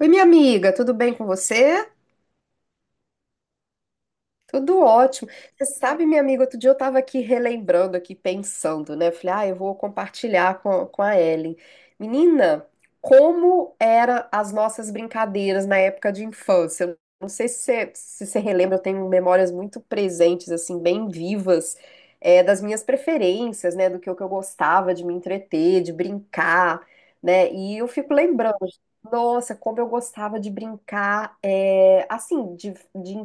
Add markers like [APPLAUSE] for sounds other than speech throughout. Oi, minha amiga, tudo bem com você? Tudo ótimo. Você sabe, minha amiga, outro dia eu estava aqui relembrando, aqui pensando, né? Eu falei, ah, eu vou compartilhar com a Ellen. Menina, como eram as nossas brincadeiras na época de infância? Eu não sei se você relembra, eu tenho memórias muito presentes, assim, bem vivas, das minhas preferências, né? Do que eu gostava de me entreter, de brincar, né? E eu fico lembrando, nossa, como eu gostava de brincar, assim, de, de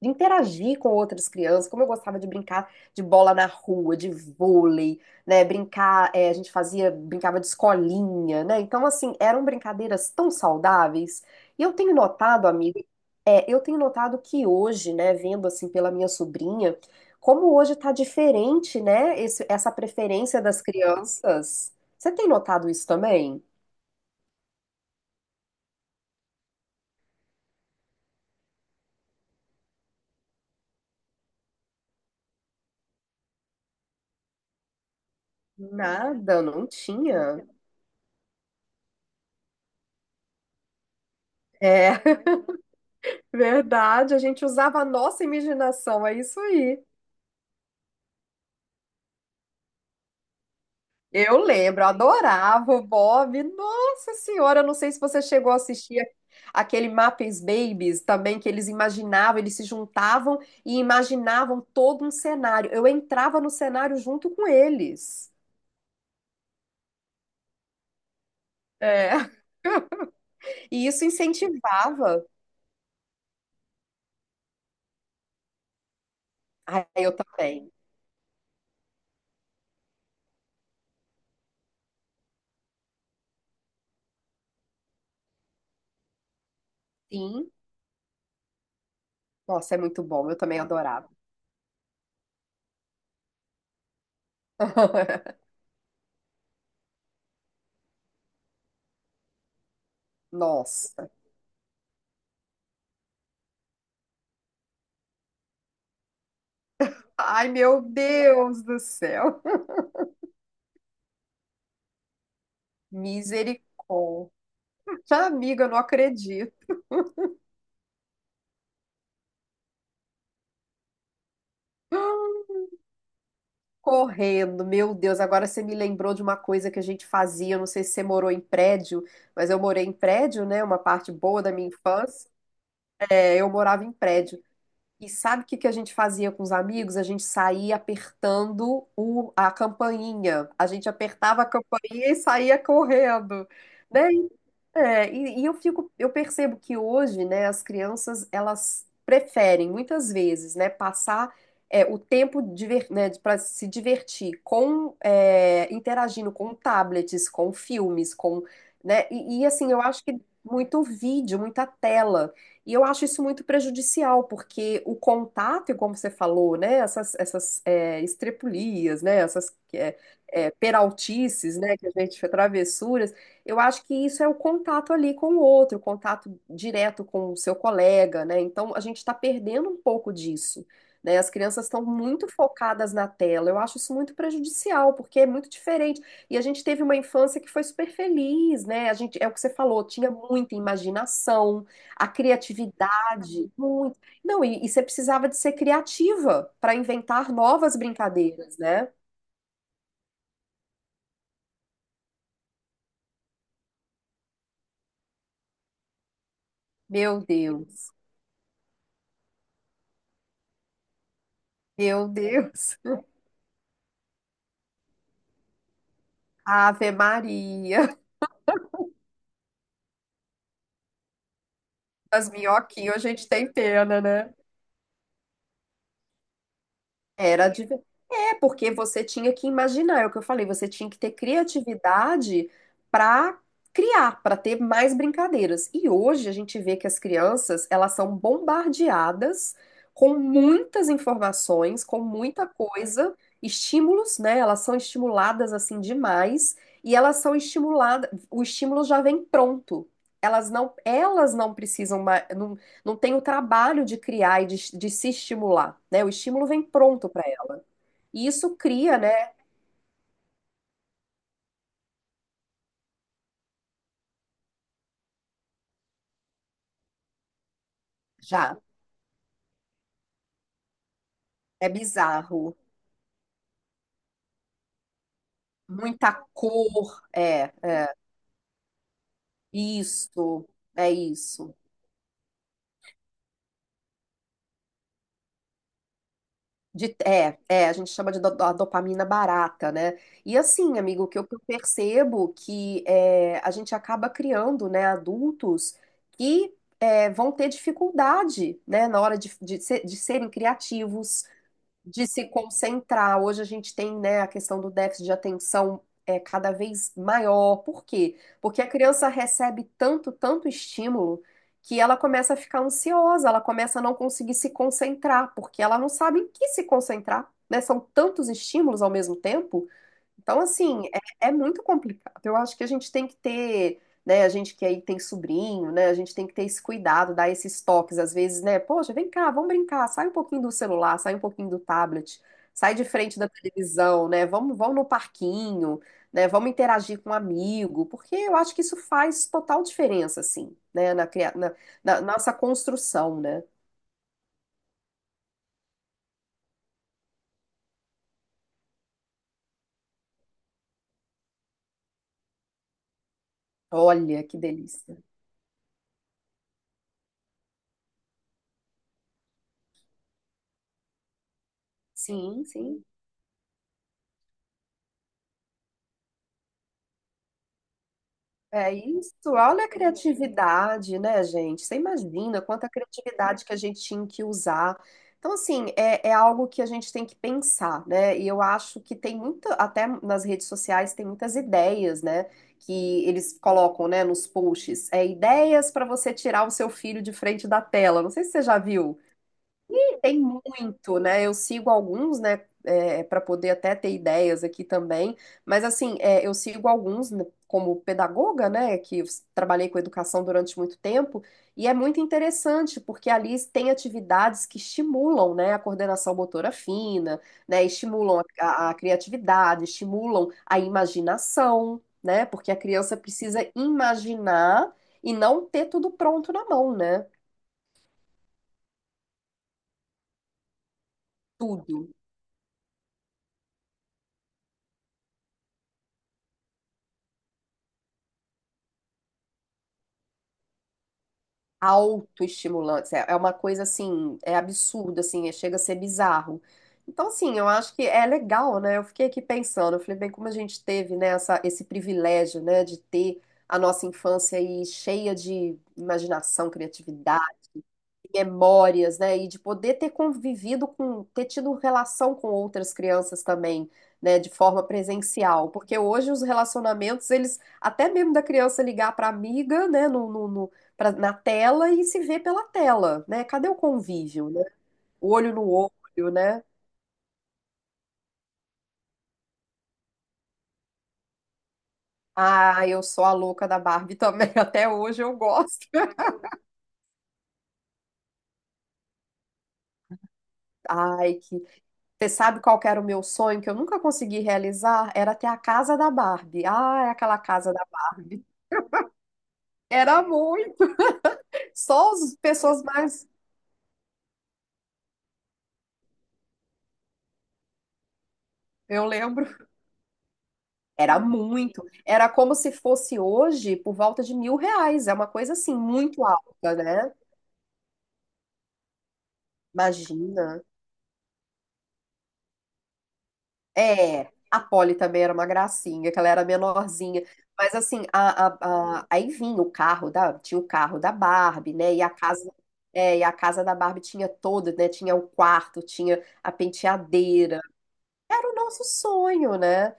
de interagir com outras crianças, como eu gostava de brincar de bola na rua, de vôlei, né? Brincar, a gente fazia, brincava de escolinha, né? Então, assim, eram brincadeiras tão saudáveis. E eu tenho notado, amiga, eu tenho notado que hoje, né, vendo assim pela minha sobrinha, como hoje tá diferente, né, essa preferência das crianças. Você tem notado isso também? Nada, não tinha. É, [LAUGHS] verdade, a gente usava a nossa imaginação, é isso aí. Eu lembro, adorava o Bob. Nossa Senhora, eu não sei se você chegou a aquele Muppets Babies também, que eles imaginavam, eles se juntavam e imaginavam todo um cenário. Eu entrava no cenário junto com eles. É. E isso incentivava. Ah, eu também. Sim. Nossa, é muito bom. Eu também adorava. [LAUGHS] Nossa. Ai, meu Deus do céu. Misericórdia. Amiga, eu não acredito. Correndo, meu Deus, agora você me lembrou de uma coisa que a gente fazia, eu não sei se você morou em prédio, mas eu morei em prédio, né, uma parte boa da minha infância, eu morava em prédio, e sabe o que que a gente fazia com os amigos? A gente saía apertando o, a campainha. A gente apertava a campainha e saía correndo, né? É, e eu fico, eu percebo que hoje, né, as crianças, elas preferem muitas vezes, né, passar o tempo diver, né, para se divertir com interagindo com tablets, com filmes, com, né? E assim, eu acho que muito vídeo, muita tela. E eu acho isso muito prejudicial, porque o contato, e como você falou, né, essas estrepulias, né, essas peraltices, né, que a gente, travessuras, eu acho que isso é o contato ali com o outro, o contato direto com o seu colega, né, então a gente está perdendo um pouco disso, né, as crianças estão muito focadas na tela, eu acho isso muito prejudicial, porque é muito diferente, e a gente teve uma infância que foi super feliz, né, a gente, é o que você falou, tinha muita imaginação, a criatividade, muito. Não, e você precisava de ser criativa para inventar novas brincadeiras, né? Meu Deus, meu Deus. Ave Maria. [LAUGHS] As minhoquinhas a gente tem pena, né? Era de... É, porque você tinha que imaginar, é o que eu falei, você tinha que ter criatividade para criar, para ter mais brincadeiras. E hoje a gente vê que as crianças, elas são bombardeadas com muitas informações, com muita coisa, estímulos, né? Elas são estimuladas assim demais e elas são estimuladas, o estímulo já vem pronto. Elas não precisam mais, não tem o trabalho de criar e de se estimular, né? O estímulo vem pronto para ela. E isso cria, né? Já, é bizarro. Muita cor, isso, é isso. A gente chama de a dopamina barata, né? E assim, amigo, o que eu percebo que é, a gente acaba criando, né, adultos que vão ter dificuldade, né, na hora de serem criativos, de se concentrar. Hoje a gente tem, né, a questão do déficit de atenção é cada vez maior. Por quê? Porque a criança recebe tanto, tanto estímulo que ela começa a ficar ansiosa, ela começa a não conseguir se concentrar, porque ela não sabe em que se concentrar, né? São tantos estímulos ao mesmo tempo então, assim, é muito complicado. Eu acho que a gente tem que ter, né? A gente que aí tem sobrinho, né? A gente tem que ter esse cuidado, dar esses toques, às vezes, né? Poxa, vem cá, vamos brincar, sai um pouquinho do celular, sai um pouquinho do tablet, sai de frente da televisão, né? Vamos, vamos no parquinho, né? Vamos interagir com um amigo, porque eu acho que isso faz total diferença, assim, né? na nossa construção, né? Olha que delícia. Sim, sim. É isso, olha a criatividade, né, gente? Você imagina quanta criatividade que a gente tinha que usar. Então, assim, é algo que a gente tem que pensar, né? E eu acho que tem muito, até nas redes sociais, tem muitas ideias, né? Que eles colocam, né, nos posts. É ideias para você tirar o seu filho de frente da tela. Não sei se você já viu. Tem muito, né? Eu sigo alguns, né? Para poder até ter ideias aqui também. Mas, assim, eu sigo alguns né, como pedagoga, né? Que trabalhei com educação durante muito tempo. E é muito interessante, porque ali tem atividades que estimulam, né? A coordenação motora fina, né? Estimulam a criatividade, estimulam a imaginação, né? Porque a criança precisa imaginar e não ter tudo pronto na mão, né? Tudo. Autoestimulantes. É uma coisa assim, é absurdo, assim, chega a ser bizarro. Então, assim, eu acho que é legal, né? Eu fiquei aqui pensando, eu falei, bem, como a gente teve, né, essa, esse privilégio, né, de ter a nossa infância aí cheia de imaginação, criatividade memórias, né? E de poder ter convivido com, ter tido relação com outras crianças também, né? De forma presencial, porque hoje os relacionamentos, eles, até mesmo da criança ligar para amiga, né? Na tela e se ver pela tela, né? Cadê o convívio, né? Olho no olho, né? Ah, eu sou a louca da Barbie também, [LAUGHS] até hoje eu gosto. Ai, que. Você sabe qual que era o meu sonho que eu nunca consegui realizar? Era ter a casa da Barbie. Ah, é aquela casa da Barbie. Era muito. Só as pessoas mais. Eu lembro. Era muito. Era como se fosse hoje por volta de 1.000 reais. É uma coisa assim, muito alta, né? Imagina. É. A Polly também era uma gracinha, que ela era menorzinha. Mas assim, aí vinha o carro da. Tinha o carro da Barbie, né? E a casa. É, e a casa da Barbie tinha toda, né? Tinha o quarto, tinha a penteadeira. Era o nosso sonho, né?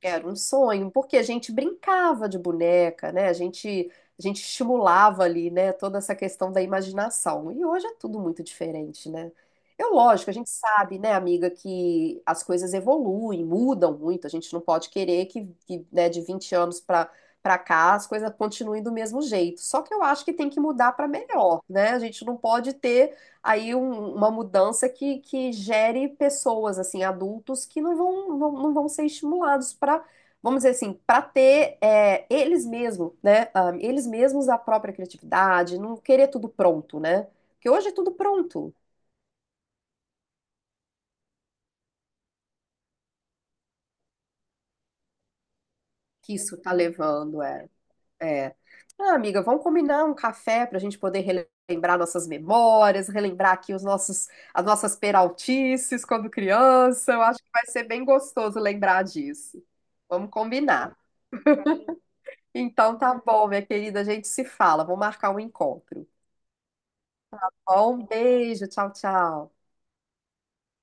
Era um sonho, porque a gente brincava de boneca, né? A gente estimulava ali, né, toda essa questão da imaginação. E hoje é tudo muito diferente, né? É lógico, a gente sabe, né, amiga, que as coisas evoluem, mudam muito. A gente não pode querer que, né, de 20 anos para cá as coisas continuem do mesmo jeito. Só que eu acho que tem que mudar para melhor, né? A gente não pode ter aí uma mudança que gere pessoas, assim, adultos que não vão ser estimulados para, vamos dizer assim, para ter eles mesmos, né? ah, eles mesmos a própria criatividade, não querer tudo pronto, né? Porque hoje é tudo pronto que isso está levando, é. É. Ah, amiga, vamos combinar um café para a gente poder relembrar nossas memórias, relembrar aqui os nossos, as nossas peraltices quando criança. Eu acho que vai ser bem gostoso lembrar disso. Vamos combinar. Então tá bom, minha querida, a gente se fala. Vou marcar um encontro. Ó, um beijo, tchau, tchau.